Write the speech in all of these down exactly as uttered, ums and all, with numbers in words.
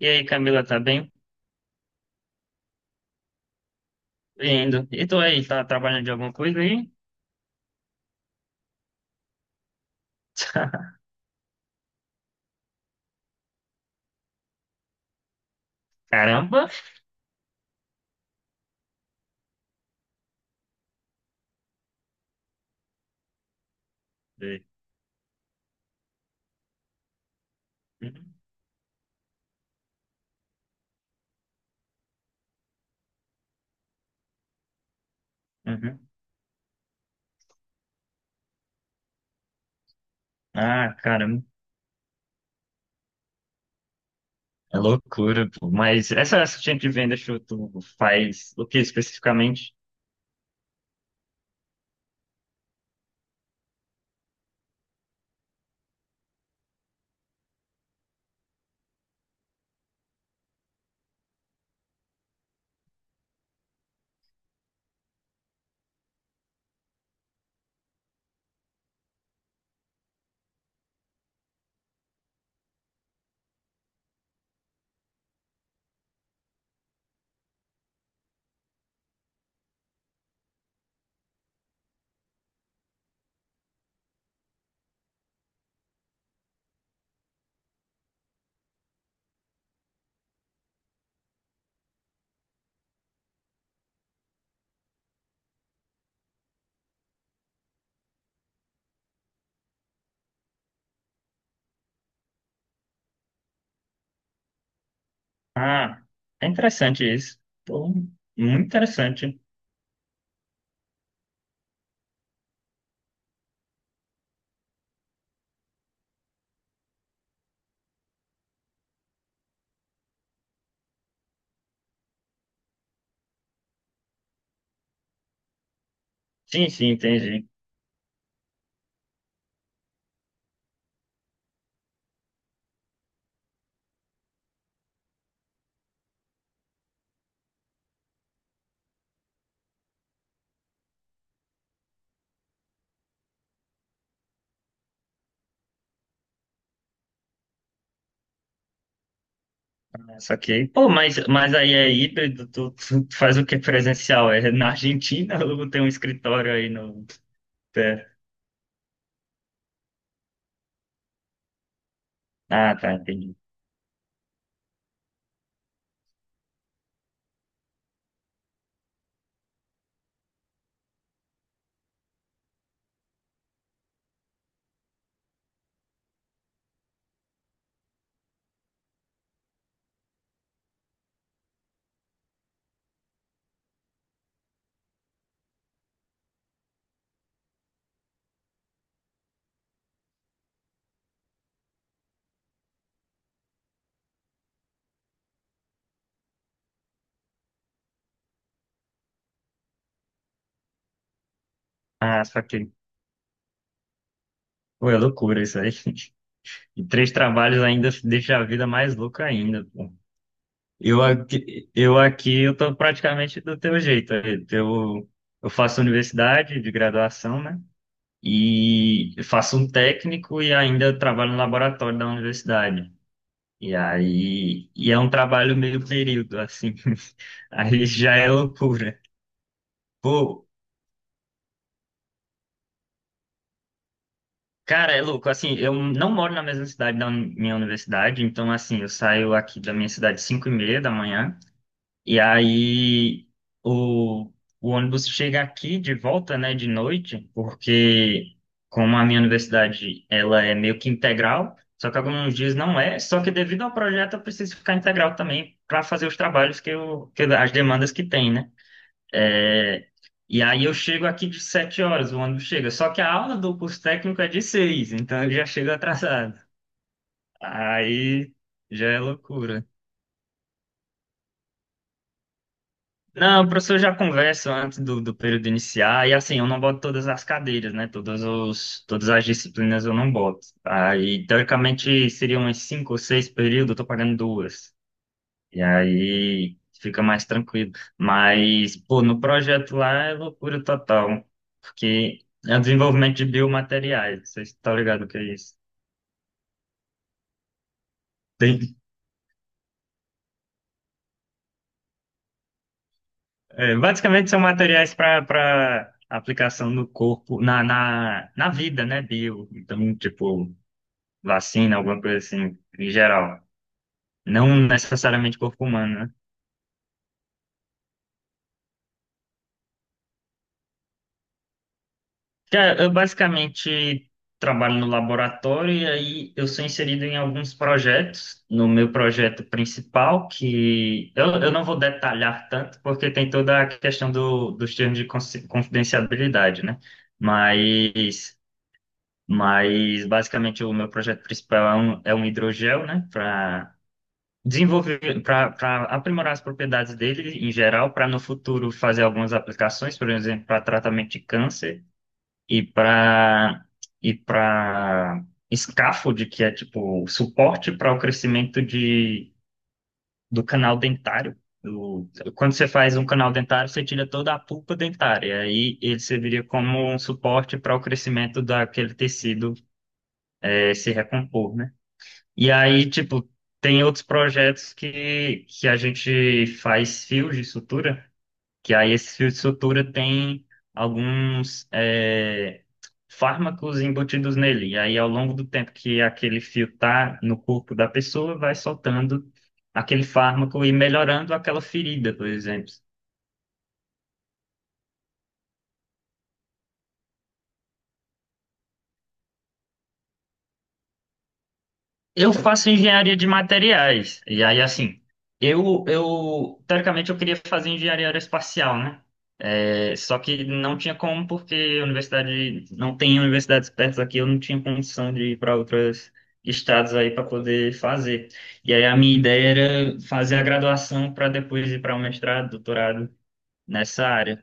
E aí, Camila, tá bem? Indo. E tu aí, tá trabalhando de alguma coisa aí? Caramba! Uhum. Ah, caramba. É loucura, pô. Mas essa assistente de venda, show, tu faz o que especificamente? Ah, é interessante isso. Pô, muito interessante. Sim, sim, entendi. Só que, pô, mas, mas aí é híbrido, tu, tu faz o que presencial? É na Argentina ou tem um escritório aí no... É. Ah, tá, entendi. Ah, só que. Pô, é loucura isso aí. E três trabalhos ainda deixa a vida mais louca ainda, pô. Eu aqui, eu aqui, eu tô praticamente do teu jeito. Eu, eu faço universidade de graduação, né? E faço um técnico e ainda trabalho no laboratório da universidade. E aí, e é um trabalho meio período, assim. Aí já é loucura. Pô, cara, é louco, assim, eu não moro na mesma cidade da uni- minha universidade, então, assim, eu saio aqui da minha cidade às cinco e meia da manhã, e aí o, o ônibus chega aqui de volta, né, de noite, porque como a minha universidade, ela é meio que integral, só que alguns dias não é, só que devido ao projeto eu preciso ficar integral também para fazer os trabalhos que eu, que, eu- as demandas que tem, né? É, e aí eu chego aqui de sete horas, o ônibus chega. Só que a aula do curso técnico é de seis, então eu já chego atrasado. Aí já é loucura. Não, o professor já conversa antes do, do período iniciar, e assim, eu não boto todas as cadeiras, né? Todas os, todas as disciplinas eu não boto. Aí, teoricamente, seriam uns cinco ou seis períodos, eu tô pagando duas. E aí fica mais tranquilo. Mas, pô, no projeto lá é loucura total, porque é o desenvolvimento de biomateriais, vocês estão ligados o que é isso? Tem, é, basicamente são materiais para para aplicação no corpo, na, na, na vida, né, bio. Então, tipo, vacina, alguma coisa assim, em geral. Não necessariamente corpo humano, né? Cara, eu basicamente trabalho no laboratório e aí eu sou inserido em alguns projetos. No meu projeto principal, que eu, eu não vou detalhar tanto, porque tem toda a questão do, dos termos de consi- confidencialidade, né? Mas, mas basicamente o meu projeto principal é um, é um hidrogel, né? Para desenvolver, para aprimorar as propriedades dele em geral, para no futuro fazer algumas aplicações, por exemplo, para tratamento de câncer e para e para scaffold, que é tipo suporte para o crescimento de, do canal dentário. Do- Quando você faz um canal dentário, você tira toda a pulpa dentária, aí ele serviria como um suporte para o crescimento daquele tecido eh, se recompor, né? E aí, tipo, tem outros projetos que, que a gente faz fios de sutura que aí esse fio de sutura tem alguns é, fármacos embutidos nele. E aí, ao longo do tempo que aquele fio tá no corpo da pessoa, vai soltando aquele fármaco e melhorando aquela ferida, por exemplo. Eu faço engenharia de materiais. E aí, assim, eu, eu teoricamente eu queria fazer engenharia aeroespacial, né? É, só que não tinha como, porque a universidade não tem universidades perto aqui, eu não tinha condição de ir para outros estados aí para poder fazer. E aí a minha ideia era fazer a graduação para depois ir para o mestrado, doutorado nessa área.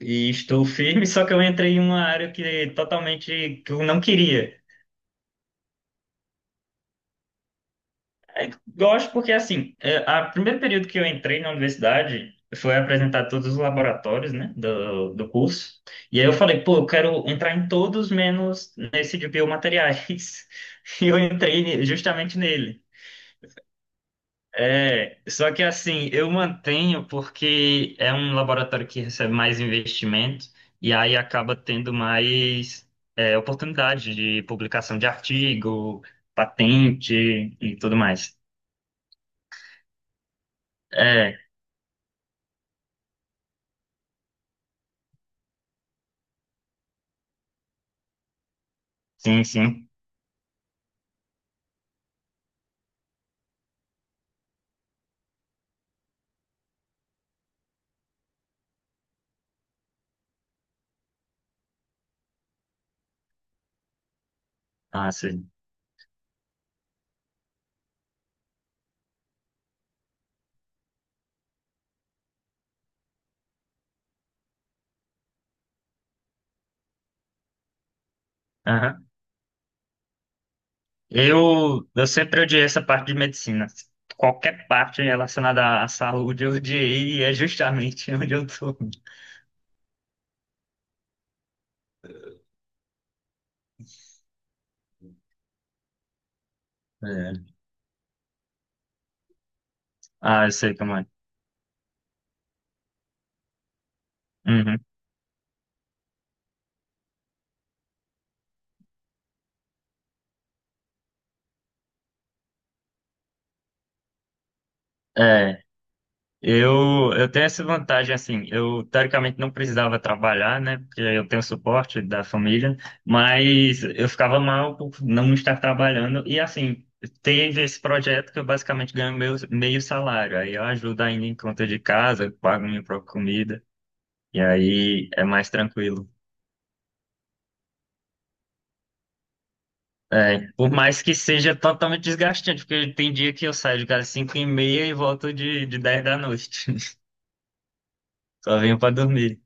E estou firme, só que eu entrei em uma área que é totalmente que eu não queria. É, gosto porque, assim, é, a primeiro período que eu entrei na universidade foi apresentar todos os laboratórios, né, do, do curso. E aí eu falei, pô, eu quero entrar em todos menos nesse de biomateriais. E eu entrei ne- justamente nele. É, só que, assim, eu mantenho porque é um laboratório que recebe mais investimento e aí acaba tendo mais, é, oportunidade de publicação de artigo, patente e tudo mais. É, sim, sim. Ah, sim. Aham. Eu, eu sempre odiei essa parte de medicina. Qualquer parte relacionada à saúde eu odiei e é justamente onde eu tô. É. Ah, eu sei como é. Uhum. É, eu, eu tenho essa vantagem, assim, eu teoricamente não precisava trabalhar, né, porque eu tenho suporte da família, mas eu ficava mal por não estar trabalhando, e assim, teve esse projeto que eu basicamente ganho meu meio salário, aí eu ajudo ainda em conta de casa, pago minha própria comida. E aí é mais tranquilo. É, por mais que seja totalmente desgastante, porque tem dia que eu saio de casa cinco e meia e volto de, de dez da noite. Só venho pra dormir.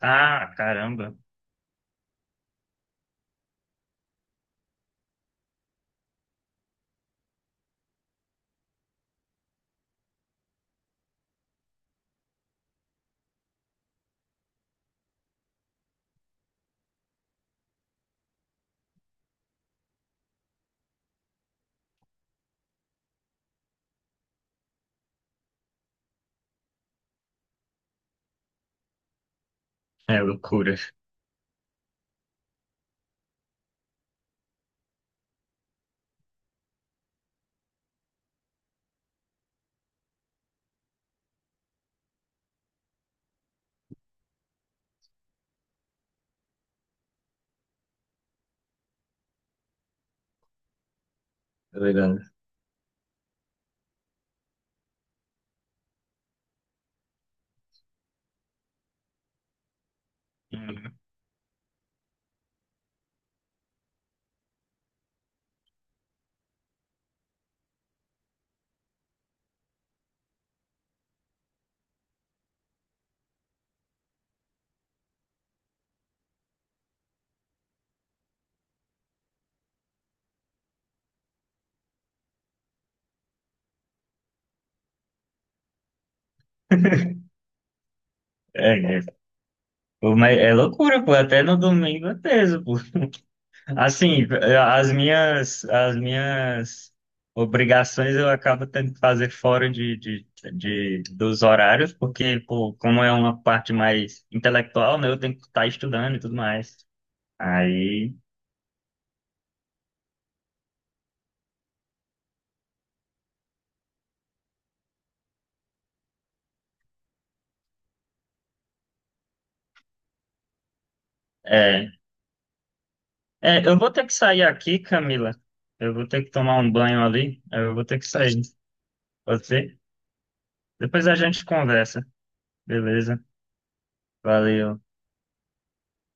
Ah, caramba. É loucura. Tá ligado? Uhum. É, é, Pô, mas é loucura, pô. Até no domingo é teso, pô. Assim, as minhas, as minhas obrigações eu acabo tendo que fazer fora de, de, de- dos horários, porque, pô, como é uma parte mais intelectual, né, eu tenho que estar estudando e tudo mais. Aí, é, é, eu vou ter que sair aqui, Camila. Eu vou ter que tomar um banho ali. Eu vou ter que sair. Pode ser? Depois a gente conversa. Beleza? Valeu.